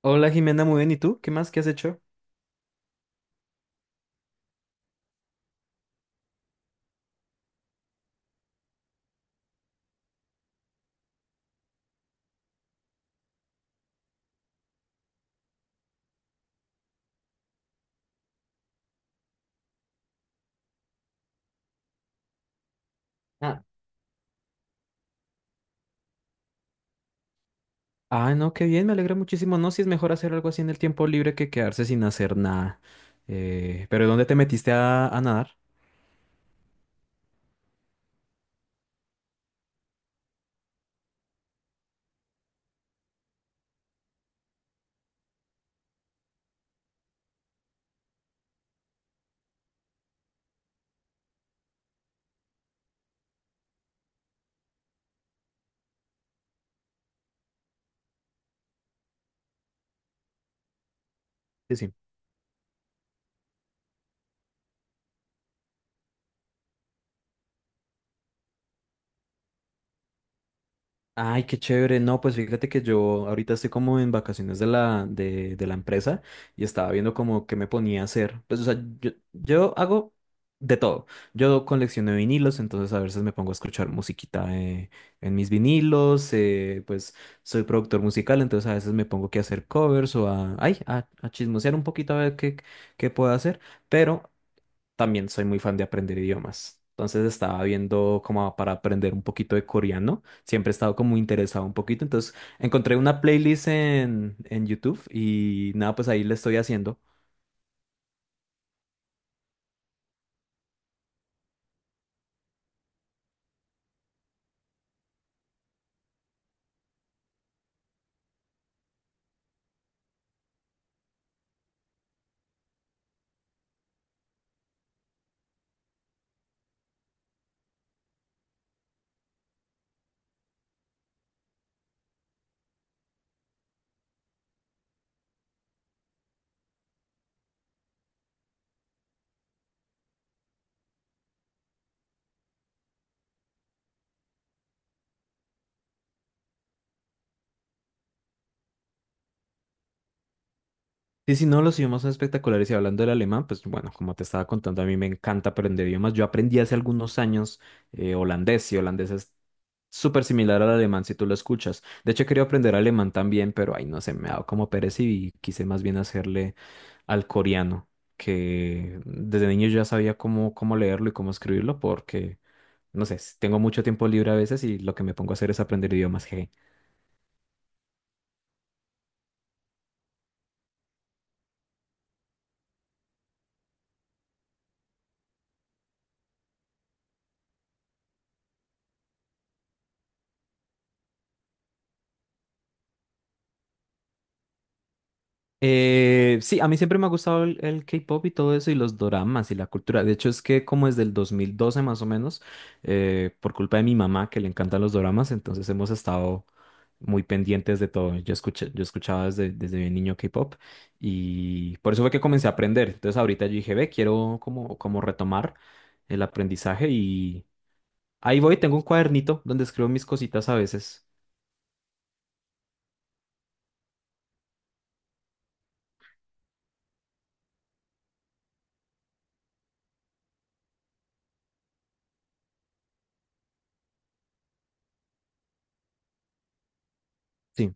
Hola Jimena, muy bien. ¿Y tú? ¿Qué más? ¿Qué has hecho? Ah, no, qué bien, me alegra muchísimo. No, si es mejor hacer algo así en el tiempo libre que quedarse sin hacer nada. Pero ¿dónde te metiste a nadar? Ay, qué chévere. No, pues fíjate que yo ahorita estoy como en vacaciones de de la empresa y estaba viendo como qué me ponía a hacer. Pues, o sea, yo hago de todo. Yo colecciono vinilos, entonces a veces me pongo a escuchar musiquita en mis vinilos. Pues soy productor musical, entonces a veces me pongo que a hacer covers o a, ay, a chismosear un poquito a ver qué puedo hacer. Pero también soy muy fan de aprender idiomas. Entonces estaba viendo como para aprender un poquito de coreano. Siempre he estado como interesado un poquito. Entonces encontré una playlist en YouTube y nada, pues ahí le estoy haciendo. Y si no, los idiomas son espectaculares. Y hablando del alemán, pues bueno, como te estaba contando, a mí me encanta aprender idiomas. Yo aprendí hace algunos años holandés y holandés es súper similar al alemán si tú lo escuchas. De hecho, quería aprender alemán también, pero ahí no sé, me ha dado como pereza y quise más bien hacerle al coreano, que desde niño ya sabía cómo leerlo y cómo escribirlo, porque, no sé, tengo mucho tiempo libre a veces y lo que me pongo a hacer es aprender idiomas. Jeje. Sí, a mí siempre me ha gustado el K-pop y todo eso y los doramas y la cultura. De hecho, es que como desde el 2012 más o menos, por culpa de mi mamá que le encantan los doramas, entonces hemos estado muy pendientes de todo. Yo escuchaba desde bien niño K-pop y por eso fue que comencé a aprender. Entonces ahorita yo dije, ve, quiero como retomar el aprendizaje y ahí voy, tengo un cuadernito donde escribo mis cositas a veces. Sí.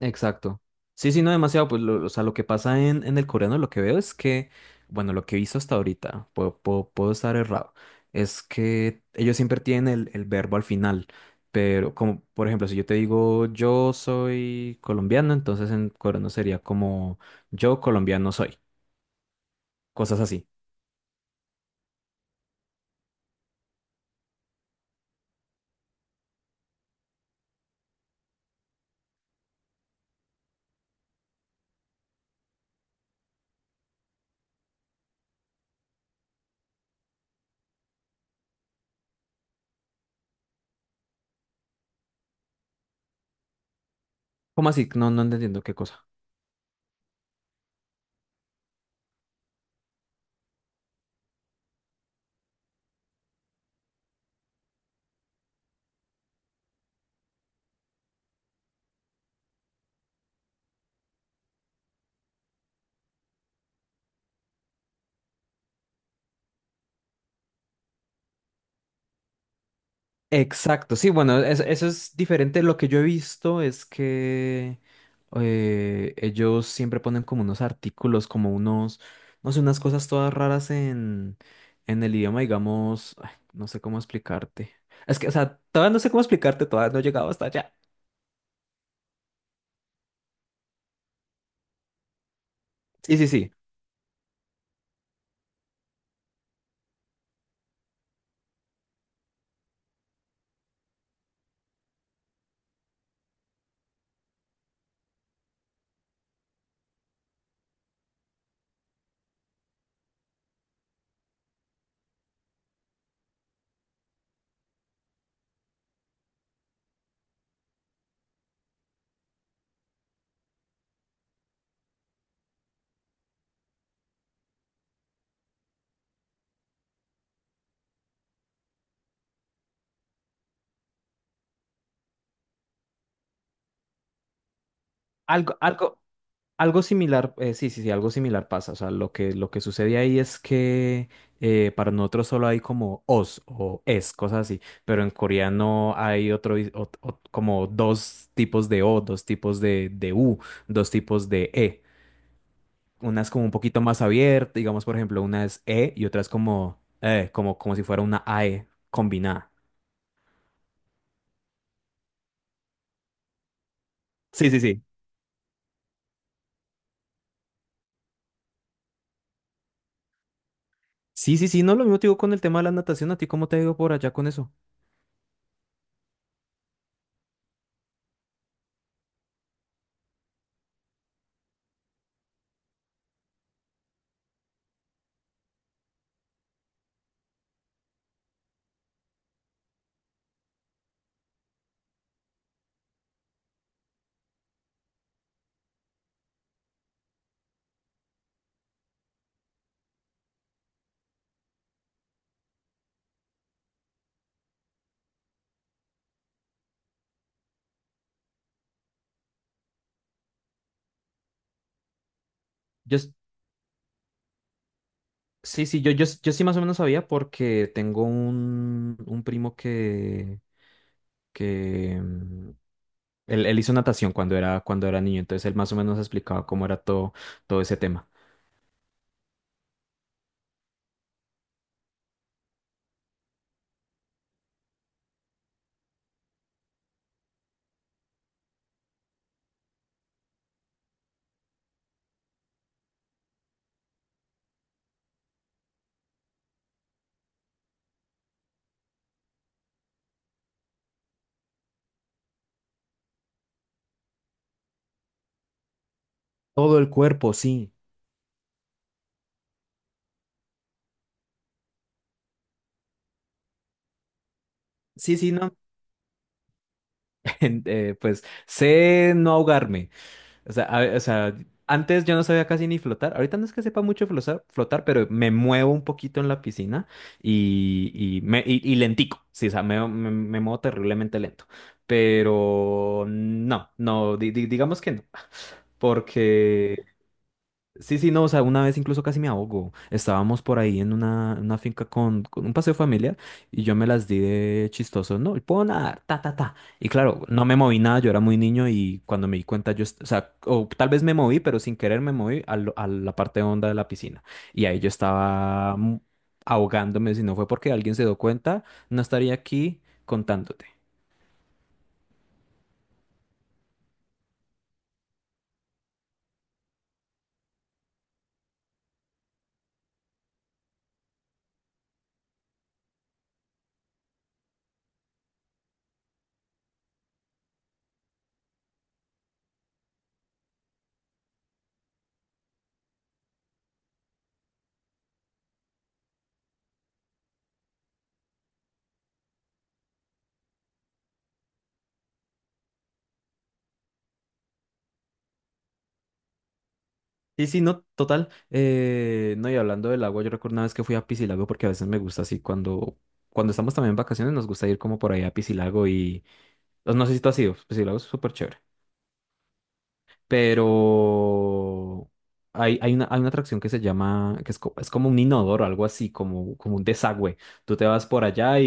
Exacto. Sí, sí, no demasiado. Pues, o sea, lo que pasa en el coreano, lo que veo es que, bueno, lo que he visto hasta ahorita, puedo estar errado, es que ellos siempre tienen el verbo al final. Pero, como, por ejemplo, si yo te digo yo soy colombiano, entonces en coreano sería como yo colombiano soy. Cosas así. ¿Cómo así? No, no entiendo qué cosa. Exacto, sí, bueno, eso es diferente. Lo que yo he visto es que ellos siempre ponen como unos artículos, como unos, no sé, unas cosas todas raras en el idioma, digamos, ay, no sé cómo explicarte. Es que, o sea, todavía no sé cómo explicarte, todavía no he llegado hasta allá. Sí, sí, sí, algo, algo. Algo similar, sí, sí, sí, algo similar pasa. O sea, lo que sucede ahí es que para nosotros solo hay como os o es, cosas así, pero en coreano hay otro, como dos tipos de o, dos tipos de u, dos tipos de e. Una es como un poquito más abierta, digamos, por ejemplo, una es e y otra es como, como, como si fuera una ae combinada. Sí, sí, sí. Sí, sí, sí, no, lo mismo te digo con el tema de la natación. ¿A ti cómo te digo por allá con eso? Yo, Sí, sí, yo sí más o menos sabía porque tengo un primo que él hizo natación cuando era niño, entonces él más o menos explicaba cómo era todo ese tema. Todo el cuerpo, sí. Sí, sí, no. Pues sé no ahogarme. O sea, o sea, antes yo no sabía casi ni flotar. Ahorita no es que sepa mucho flotar, pero me muevo un poquito en la piscina y lentico. Sí, o sea, me muevo terriblemente lento. Pero no, no, digamos que no. Porque sí, sí, no, o sea, una vez incluso casi me ahogo. Estábamos por ahí en una finca con un paseo familiar y yo me las di de chistoso, no, y puedo nadar, ta, ta, ta. Y claro, no me moví nada, yo era muy niño y cuando me di cuenta yo, o sea, o tal vez me moví, pero sin querer me moví a la parte honda de la piscina. Y ahí yo estaba ahogándome, si no fue porque alguien se dio cuenta, no estaría aquí contándote. Sí, sí, no, total. No, y hablando del agua, yo recuerdo una vez que fui a Piscilago porque a veces me gusta así cuando estamos también en vacaciones nos gusta ir como por ahí a Piscilago y pues, no sé si tú has ido, Piscilago es súper chévere, pero hay una atracción que se llama, es como un inodoro, algo así, como un desagüe. Tú te vas por allá.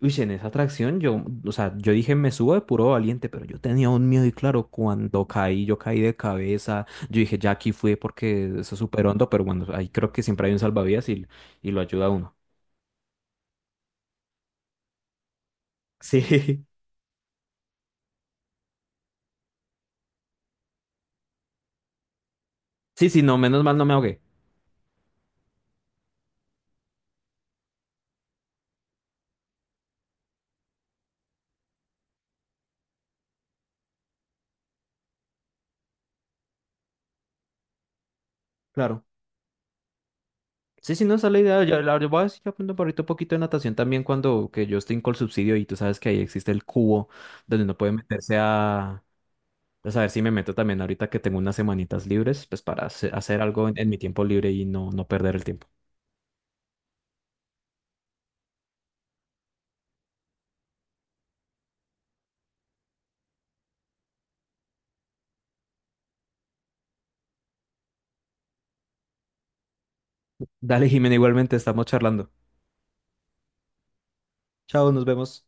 Uy, si en esa atracción yo, o sea, yo dije me subo de puro valiente, pero yo tenía un miedo y claro, cuando caí, yo caí de cabeza, yo dije ya aquí fui porque eso es súper hondo, pero bueno, ahí creo que siempre hay un salvavidas y lo ayuda a uno. Sí, sí, sí, no, menos mal no me ahogué, claro. Sí, sí, no, esa es la idea, yo voy a decir que aprendo por ahorita un poquito de natación también cuando que yo estoy con el subsidio y tú sabes que ahí existe el cubo donde uno puede meterse a... Pues a ver si me meto también ahorita que tengo unas semanitas libres, pues para hacer algo en mi tiempo libre y no, no perder el tiempo. Dale, Jimena, igualmente estamos charlando. Chao, nos vemos.